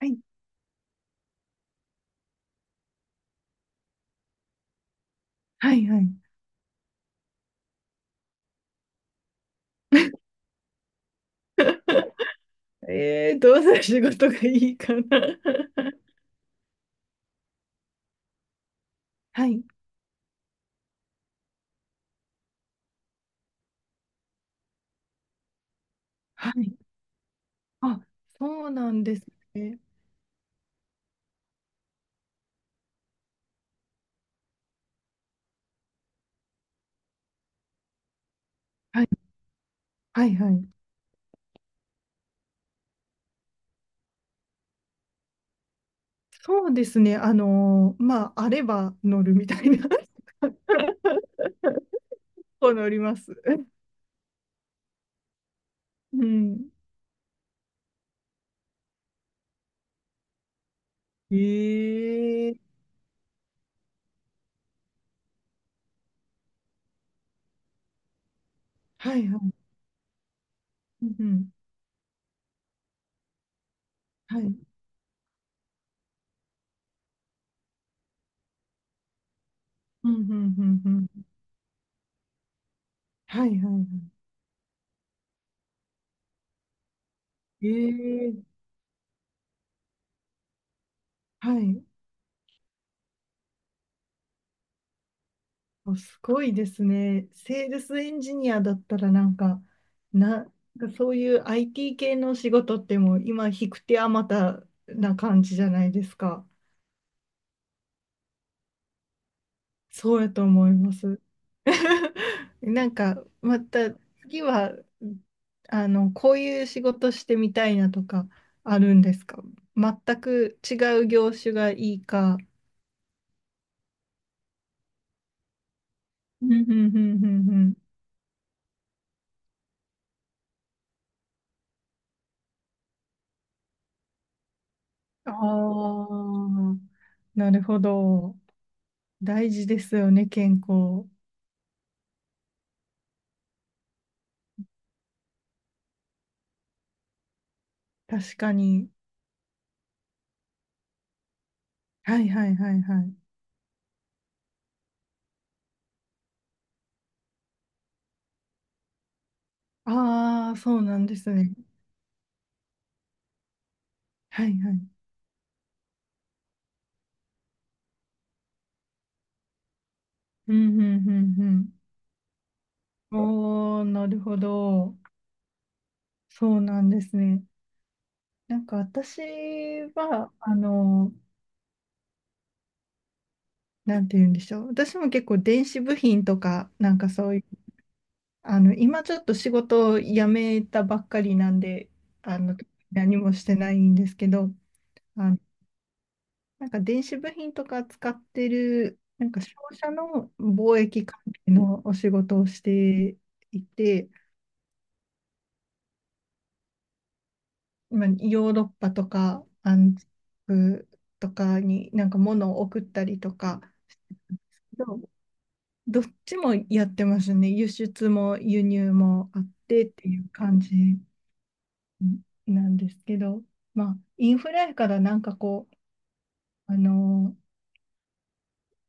はい、はい、はい。どうする仕事がいいかな。 はい、はい。あ、そうなんですね。はい、はい、はい。そうですね。まあ、あれば乗るみたいな。 そう乗ります。うん。ええ、はいはい。うんうん。はい。うんうんうんうん。はいはいはい。ええ、はい。お、すごいですね。セールスエンジニアだったらなんか、な、そういう IT 系の仕事ってもう今、引く手あまたな感じじゃないですか。そうやと思います。なんか、また次は、こういう仕事してみたいなとかあるんですか？全く違う業種がいいか。うんうんうんうんうん。ああ、なるほど。大事ですよね、健康。確かに。はいはいはいはい。ああ、そうなんですね。はいはい。うんうんうんうん。おー、なるほど。そうなんですね。なんか私は、なんて言うんでしょう。私も結構電子部品とか、なんかそういう、今ちょっと仕事を辞めたばっかりなんで、あの、何もしてないんですけど、あのなんか電子部品とか使ってる、なんか商社の貿易関係のお仕事をしていて、まあ、ヨーロッパとか安福とかになんか物を送ったりとか、どどっちもやってますね。輸出も輸入もあってっていう感じなんですけど、まあ、インフレからなんかこう、あの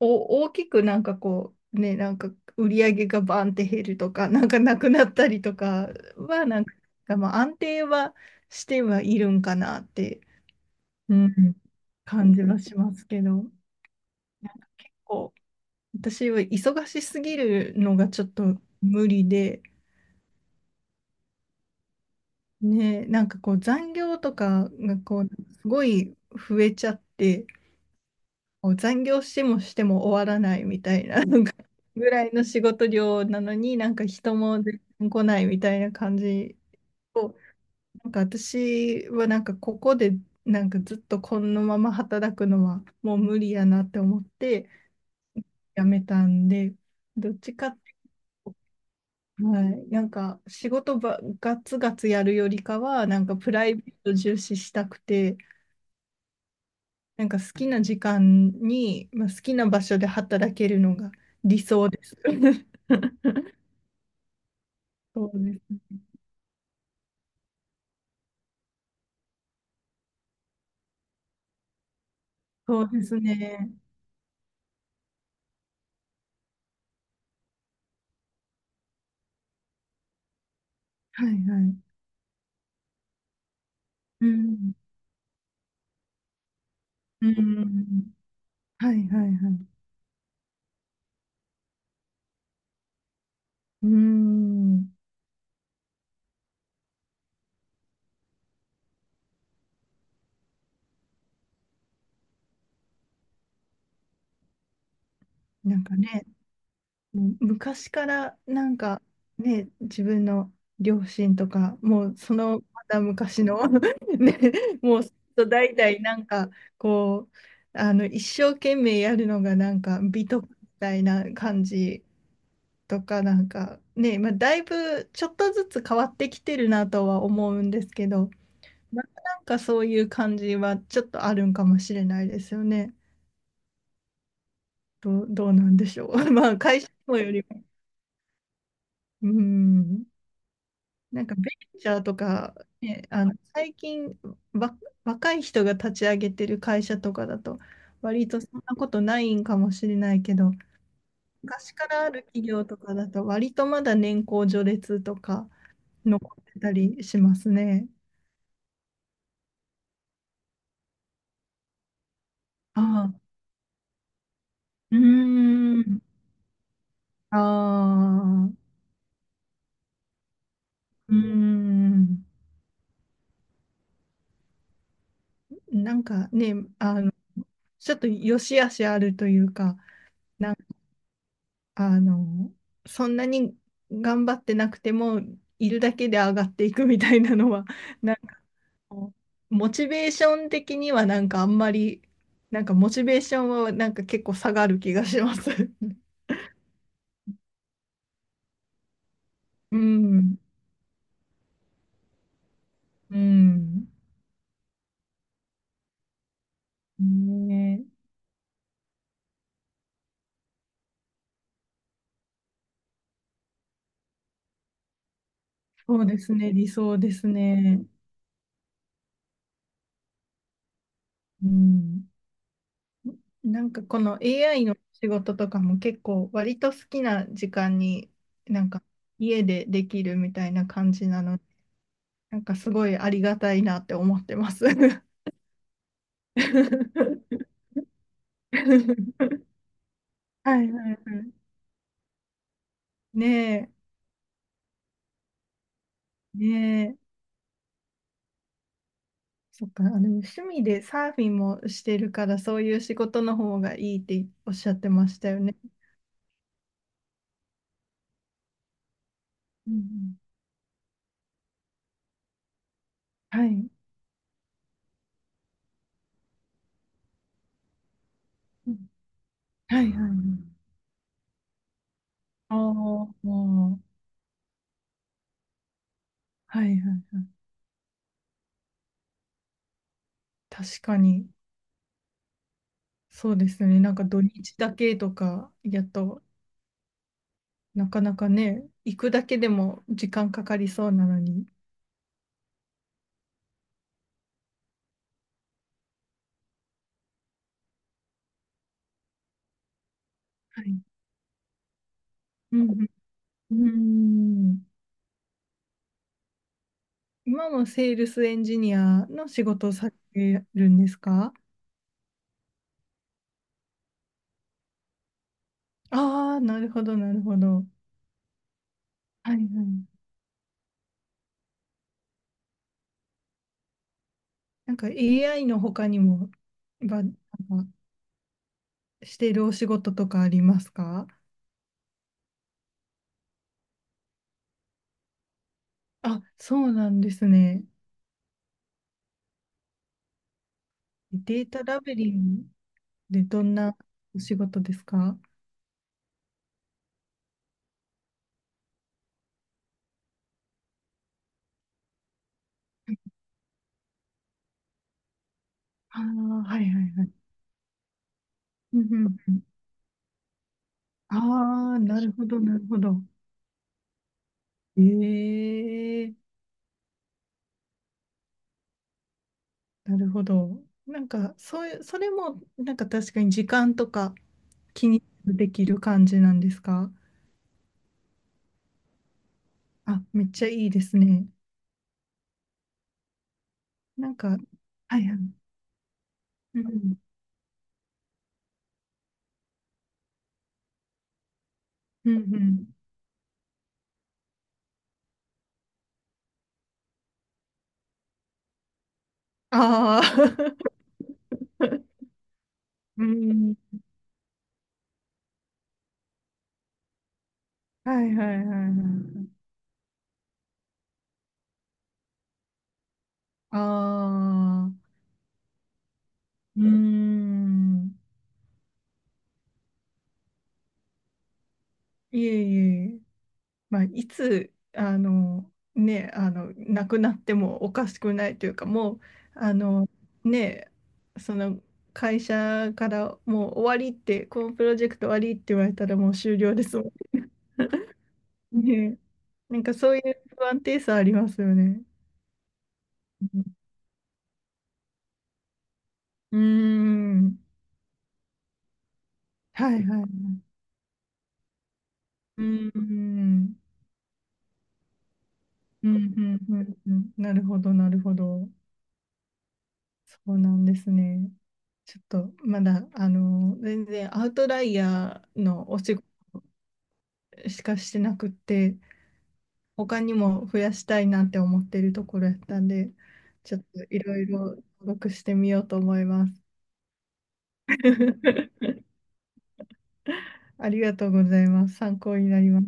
お、大きくなんかこう、ね、なんか売り上げがバーンって減るとか、なんかなくなったりとかは、なんか、まあ、安定はしてはいるんかなって、うん、感じはしますけど、なんかこう、私は忙しすぎるのがちょっと無理で、ね、なんかこう残業とかがこう、すごい増えちゃって、もう残業してもしても終わらないみたいな、なんかぐらいの仕事量なのになんか人も全然来ないみたいな感じを、なんか私はなんかここでなんかずっとこのまま働くのはもう無理やなって思って辞めたんで、どっちかっていうと、はい、なんか仕事ばガツガツやるよりかは、なんかプライベート重視したくて、なんか好きな時間に、まあ、好きな場所で働けるのが理想です。そうです。そうですね。はいはい。うん。うん。はいはいはい。うん。なんかね、もう昔からなんかね、自分の両親とか、もうそのまた昔の ね、もうずっと代々なんかこう、一生懸命やるのがなんか美徳みたいな感じとかなんかね、まあ、だいぶちょっとずつ変わってきてるなとは思うんですけど、またなんかそういう感じはちょっとあるんかもしれないですよね。どうなんでしょう。まあ会社のよりも、うん、なんかベンチャーとか、ね、最近わ若い人が立ち上げてる会社とかだと割とそんなことないんかもしれないけど、昔からある企業とかだと割とまだ年功序列とか残ってたりしますね。ああ、うーん、ああ、うーん、なんかね、ちょっと良し悪しあるというか、なん、あの、そんなに頑張ってなくても、いるだけで上がっていくみたいなのは、なんかこう、モチベーション的にはなんかあんまり、なんかモチベーションはなんか結構下がる気がします。うん、うん、ねえ、そうですね、理想ですね。うん、なんかこの AI の仕事とかも結構割と好きな時間になんか家でできるみたいな感じなので、なんかすごいありがたいなって思ってます。はいはいはい。ねえ、ねえ。そっか、あ、の趣味でサーフィンもしてるからそういう仕事の方がいいっておっしゃってましたよね。うんうん、はい。うん、はいはいはい。ああ、もう、はいはいはい。確かに。そうですよね。なんか土日だけとかやっとなかなかね、行くだけでも時間かかりそうなのに。はい。うん。うん。うん、今もセールスエンジニアの仕事をされてるんですか？ああー、なるほど、なるほど。はいはい。なんか AI の他にも、なんかしてるお仕事とかありますか？あ、そうなんですね。データラベリングでどんなお仕事ですか？ああー、はいはいはい。うんうんうん。ああ、なるほど、なるほど。ええ、なるほど。なんか、そういう、それも、なんか確かに時間とか気にできる感じなんですか？あ、めっちゃいいですね。なんか、はいはい。うん、うん、うん。ああ、うん。はいはいはいはい。ああ、うーん。いえいえ。まあ、いつね、亡くなってもおかしくないというかもうあの、ね、その会社からもう終わりって、このプロジェクト終わりって言われたらもう終了ですもんね。なんかそういう不安定さありますよね。うん、うーん、はいはい。うーん、うん、うん、うん、うん、なるほど、なるほど。そうなんですね。ちょっとまだ全然アウトライヤーのお仕事しかしてなくって、他にも増やしたいなって思ってるところやったんで、ちょっといろいろ登録してみようと思います。ありがとうございます。参考になります。